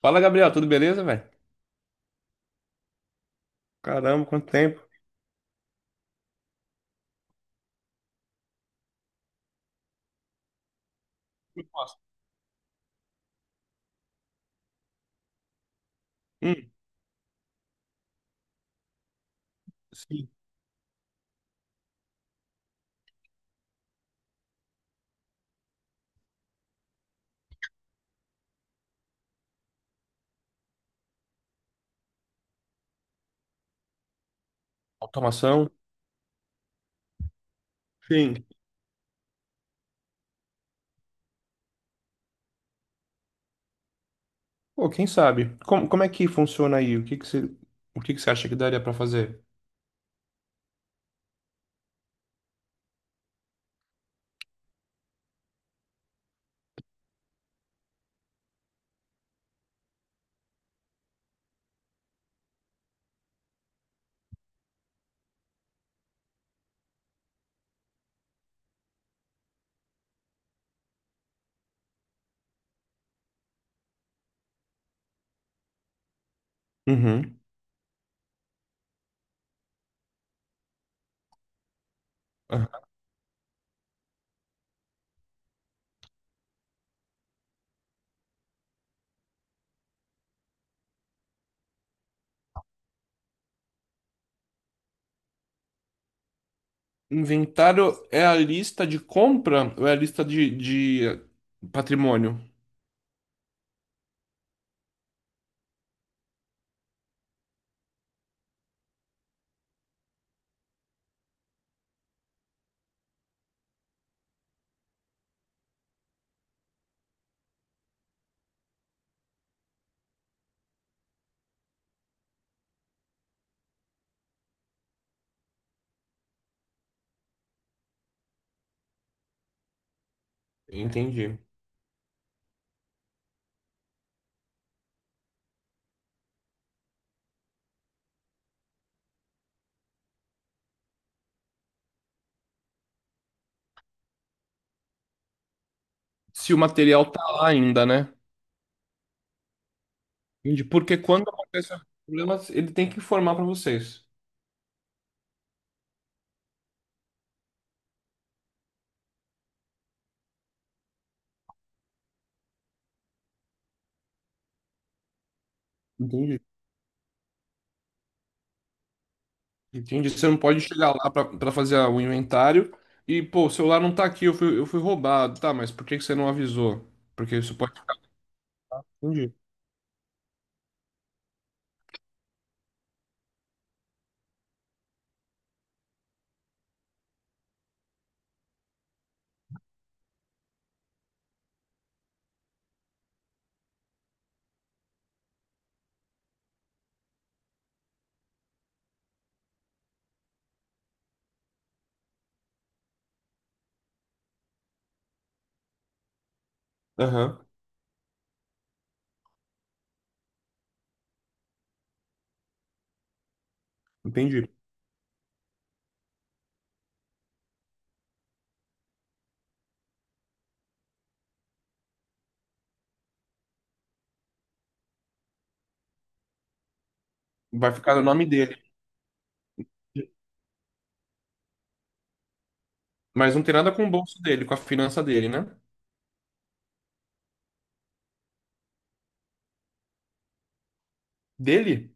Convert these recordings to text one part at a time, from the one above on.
Fala, Gabriel, tudo beleza, velho? Caramba, quanto tempo. Resposta. Hum, sim. Automação? Sim. Pô, quem sabe? Como é que funciona aí? O que que você acha que daria pra fazer? Uhum. Aham. Inventário é a lista de compra ou é a lista de patrimônio? Entendi. Se o material tá lá ainda, né? Entendi. Porque quando acontece o problema, ele tem que informar pra vocês. Entendi. Entendi. Você não pode chegar lá para fazer o inventário e, pô, o celular não tá aqui, eu fui roubado. Tá, mas por que que você não avisou? Porque isso pode ficar. Entendi. Aham, entendi. Vai ficar no nome dele. Mas não tem nada com o bolso dele, com a finança dele, né? Dele?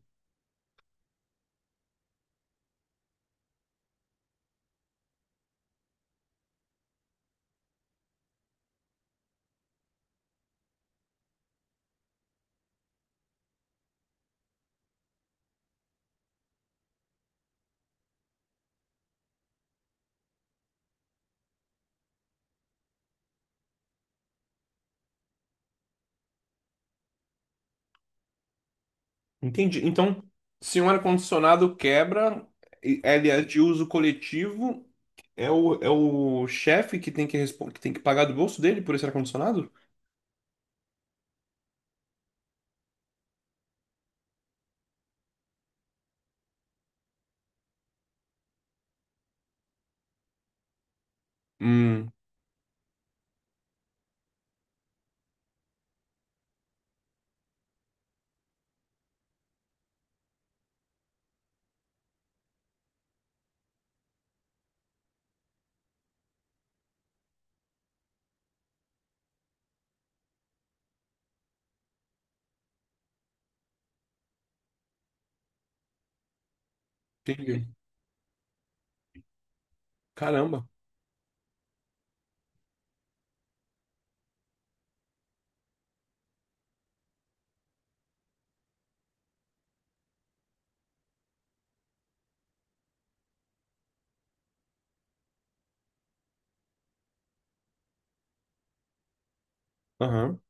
Entendi. Então, se um ar-condicionado quebra, ele é de uso coletivo, é o chefe que tem que, que tem que pagar do bolso dele por esse ar-condicionado? Hum, entendi. Caramba. Aham,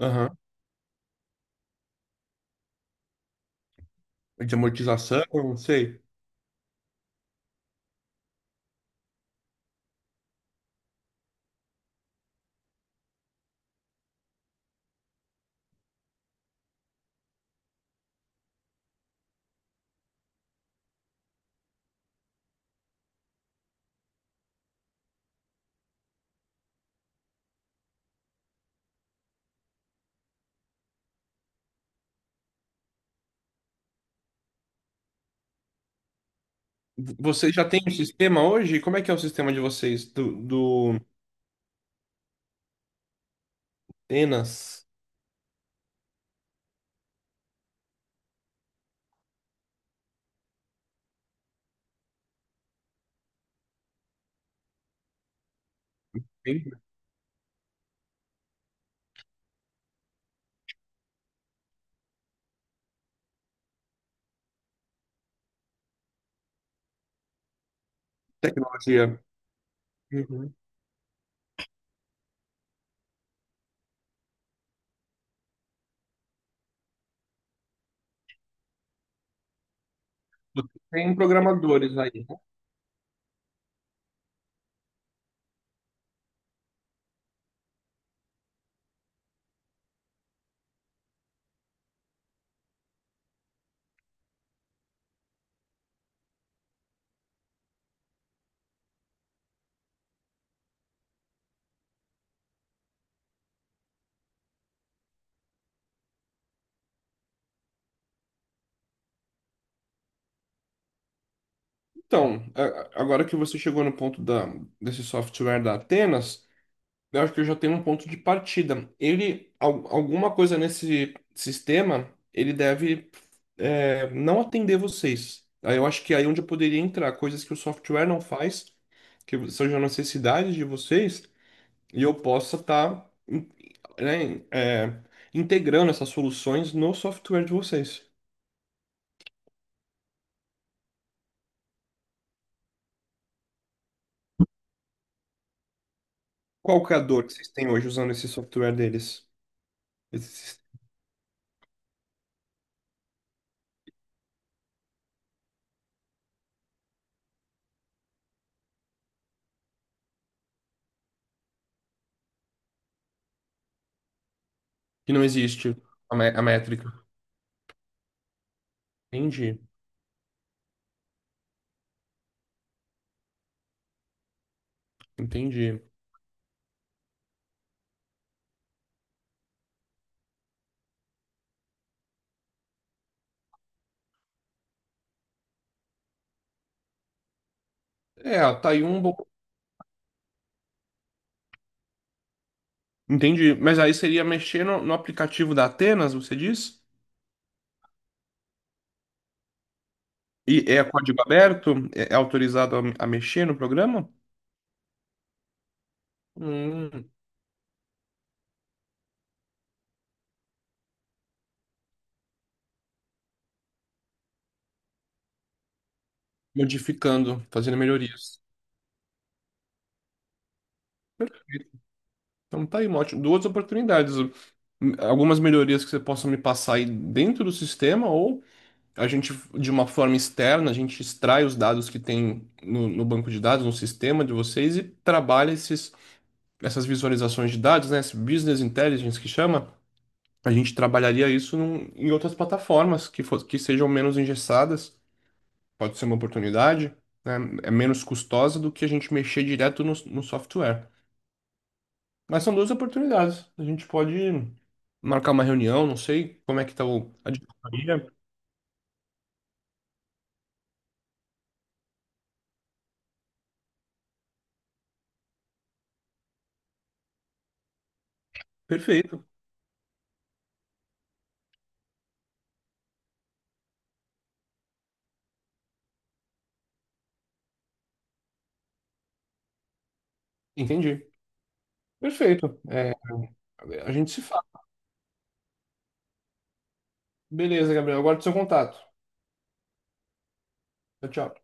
aham. De amortização, não sei. Vocês já têm um sistema hoje? Como é que é o sistema de vocês do Tenas? Tem tecnologia. Uhum. Tem programadores aí, né? Então, a- Agora que você chegou no ponto desse software da Atenas, eu acho que eu já tenho um ponto de partida. Alguma coisa nesse sistema, ele deve não atender vocês. Aí eu acho que aí é onde eu poderia entrar, coisas que o software não faz, que sejam necessidades de vocês, e eu possa estar integrando essas soluções no software de vocês. Qual que é a dor que vocês têm hoje usando esse software deles? Esse sis- que não existe a métrica. Entendi, entendi. É, tá aí um bom... Entendi. Mas aí seria mexer no aplicativo da Atenas, você diz? E é código aberto? É autorizado a mexer no programa? Hum, modificando, fazendo melhorias. Então tá aí, duas oportunidades. Algumas melhorias que você possa me passar aí dentro do sistema, ou a gente, de uma forma externa, a gente extrai os dados que tem no banco de dados, no sistema de vocês, e trabalha essas visualizações de dados, né? Esse business intelligence que chama. A gente trabalharia isso em outras plataformas que sejam menos engessadas, pode ser uma oportunidade, né? É menos custosa do que a gente mexer direto no software. Mas são duas oportunidades. A gente pode marcar uma reunião, não sei como é que está o, a diretoria. Perfeito, entendi. Perfeito. É, a gente se fala. Beleza, Gabriel. Agora seu contato. Tchau, tchau.